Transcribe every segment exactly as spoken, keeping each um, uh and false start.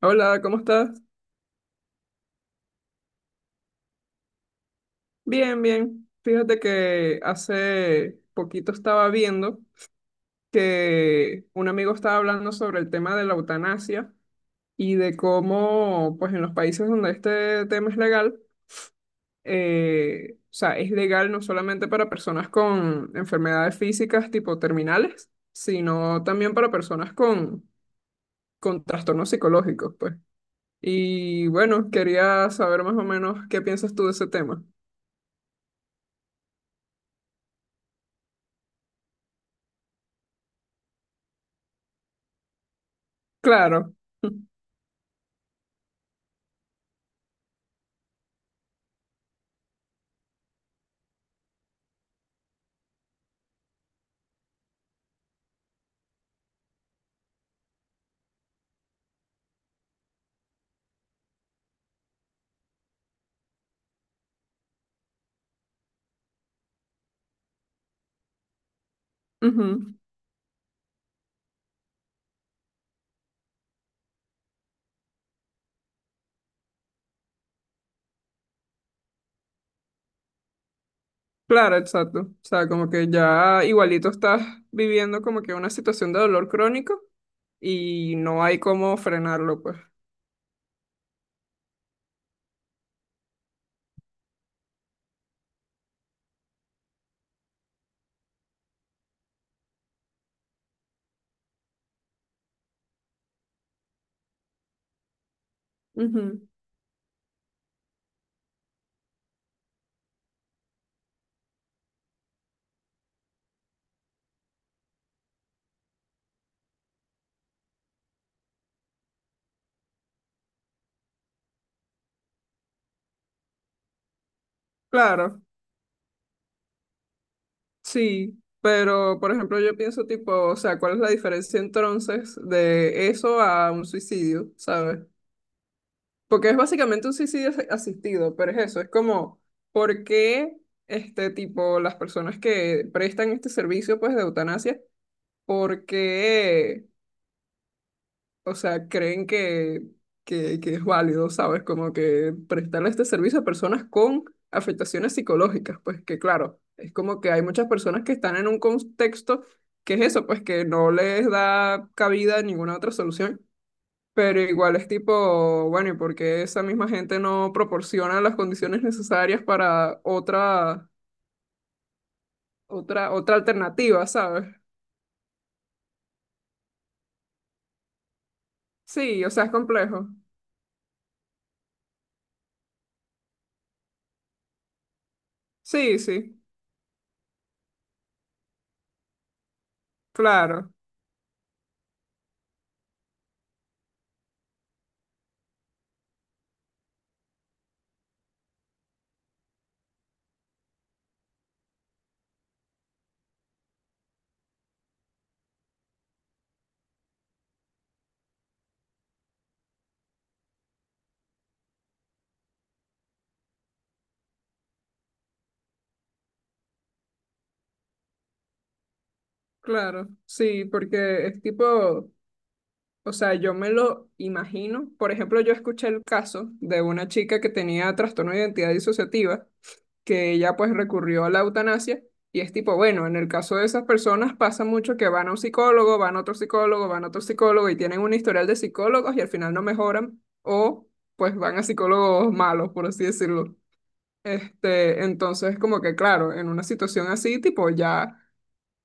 Hola, ¿cómo estás? Bien, bien. Fíjate que hace poquito estaba viendo que un amigo estaba hablando sobre el tema de la eutanasia y de cómo, pues en los países donde este tema es legal, eh, o sea, es legal no solamente para personas con enfermedades físicas tipo terminales, sino también para personas con, con trastornos psicológicos, pues. Y bueno, quería saber más o menos qué piensas tú de ese tema. Claro. Ujú. Claro, exacto. O sea, como que ya igualito estás viviendo como que una situación de dolor crónico y no hay cómo frenarlo, pues. Ujú. Claro, sí. Pero, por ejemplo, yo pienso tipo, o sea, ¿cuál es la diferencia entonces de eso a un suicidio? ¿Sabes? Porque es básicamente un suicidio as- asistido, pero es eso, es como, ¿por qué este tipo, las personas que prestan este servicio, pues, de eutanasia? Porque, o sea, creen que, que, que es válido, ¿sabes? Como que prestarle este servicio a personas con afectaciones psicológicas, pues que claro, es como que hay muchas personas que están en un contexto que es eso, pues que no les da cabida a ninguna otra solución. Pero igual es tipo, bueno, ¿y por qué esa misma gente no proporciona las condiciones necesarias para otra, otra, otra alternativa? ¿Sabes? Sí, o sea, es complejo. Sí, sí, claro. Claro, sí, porque es tipo, o sea, yo me lo imagino. Por ejemplo, yo escuché el caso de una chica que tenía trastorno de identidad disociativa, que ella pues recurrió a la eutanasia y es tipo, bueno, en el caso de esas personas pasa mucho que van a un psicólogo, van a otro psicólogo, van a otro psicólogo y tienen un historial de psicólogos y al final no mejoran o pues van a psicólogos malos, por así decirlo. Este, entonces como que claro, en una situación así, tipo ya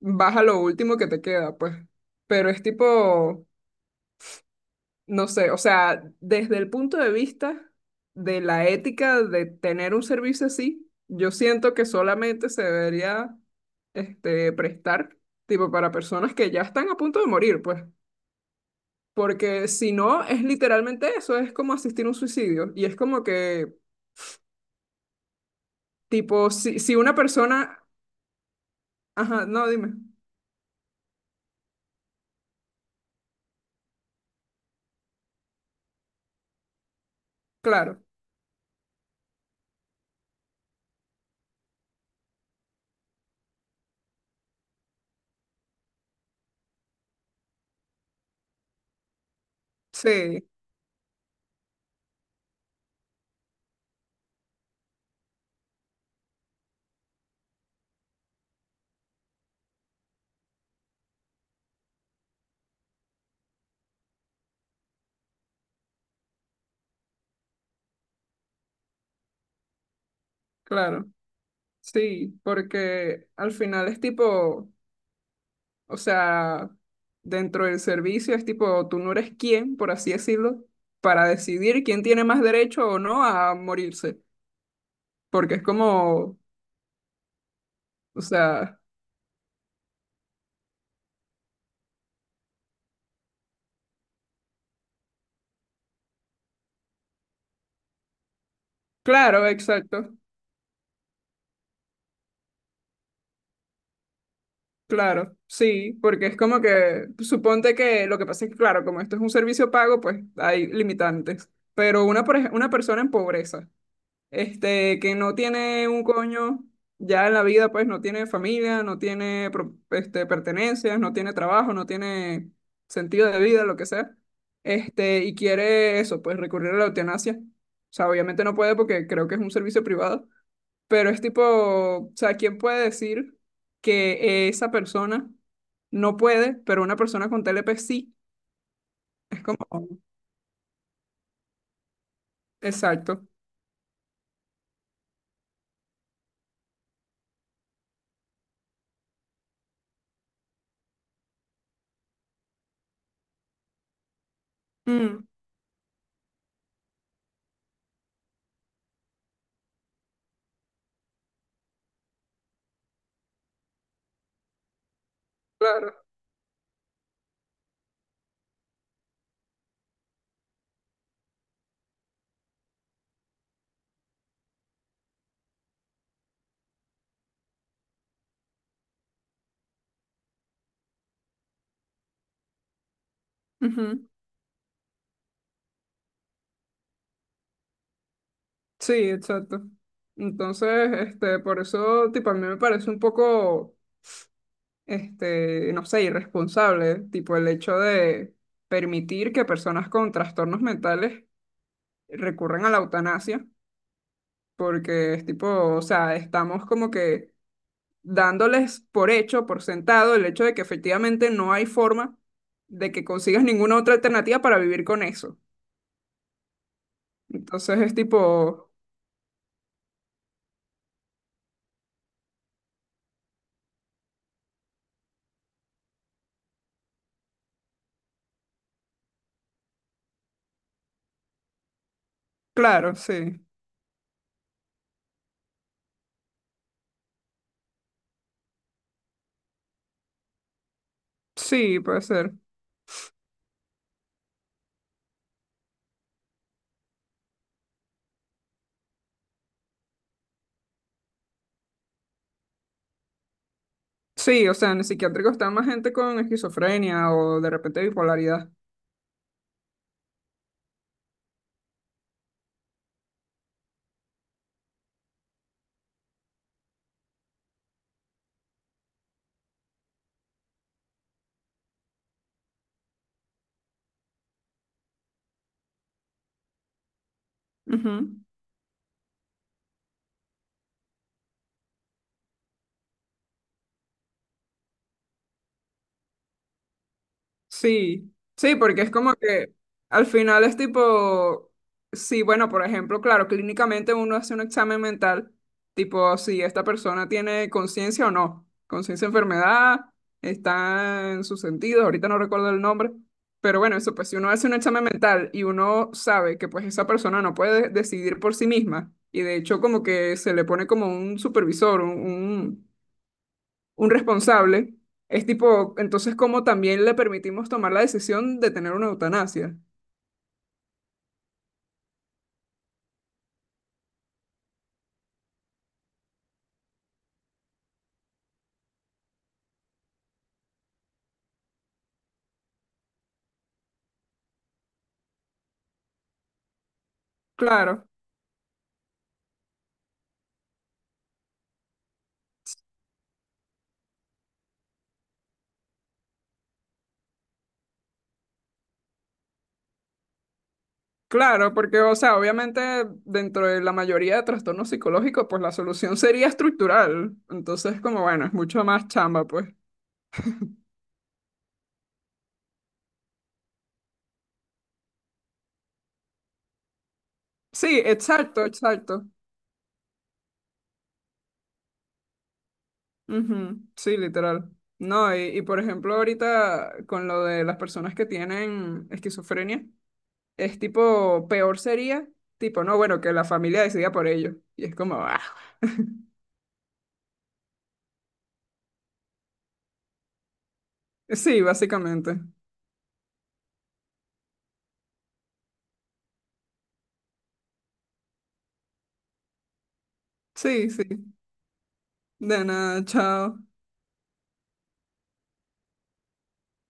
vas a lo último que te queda, pues. Pero es tipo, no sé, o sea, desde el punto de vista de la ética de tener un servicio así, yo siento que solamente se debería, este, prestar, tipo, para personas que ya están a punto de morir, pues. Porque si no, es literalmente eso, es como asistir a un suicidio. Y es como que, tipo, si, si una persona, ajá, no, dime, claro, sí, claro, sí, porque al final es tipo... O sea, dentro del servicio es tipo, tú no eres quién, por así decirlo, para decidir quién tiene más derecho o no a morirse. Porque es como, o sea, claro, exacto, claro, sí, porque es como que, suponte que lo que pasa es que, claro, como esto es un servicio pago, pues hay limitantes. Pero una, por ej- una persona en pobreza. Este, que no tiene un coño ya en la vida, pues no tiene familia, no tiene pro- este, pertenencias, no tiene trabajo, no tiene sentido de vida, lo que sea, este, y quiere eso, pues recurrir a la eutanasia. O sea, obviamente no puede porque creo que es un servicio privado, pero es tipo, o sea, ¿quién puede decir que esa persona no puede, pero una persona con T L P sí? Es como, exacto. Mm, claro. Ujú. Sí, exacto. Entonces, este, por eso, tipo, a mí me parece un poco, este, no sé, irresponsable, tipo, el hecho de permitir que personas con trastornos mentales recurran a la eutanasia, porque es tipo, o sea, estamos como que dándoles por hecho, por sentado, el hecho de que efectivamente no hay forma de que consigas ninguna otra alternativa para vivir con eso. Entonces, es tipo, claro, sí, sí, puede ser. Sí, o sea, en el psiquiátrico está más gente con esquizofrenia o de repente bipolaridad. Ujú. Sí, sí, porque es como que al final es tipo, sí, bueno, por ejemplo, claro, clínicamente uno hace un examen mental, tipo si esta persona tiene conciencia o no, conciencia de enfermedad, está en sus sentidos, ahorita no recuerdo el nombre, pero bueno, eso, pues si uno hace un examen mental y uno sabe que pues esa persona no puede decidir por sí misma, y de hecho como que se le pone como un supervisor, un, un- un responsable. Es tipo, entonces, ¿cómo también le permitimos tomar la decisión de tener una eutanasia? Claro, claro, porque, o sea, obviamente dentro de la mayoría de trastornos psicológicos, pues la solución sería estructural. Entonces, como, bueno, es mucho más chamba, pues. Sí, exacto, exacto. Ujú, sí, literal. No, y, y por ejemplo, ahorita con lo de las personas que tienen esquizofrenia, es tipo, peor sería, tipo, no, bueno, que la familia decida por ellos. Y es como, ah. Sí, básicamente. Sí, sí. De nada, chao.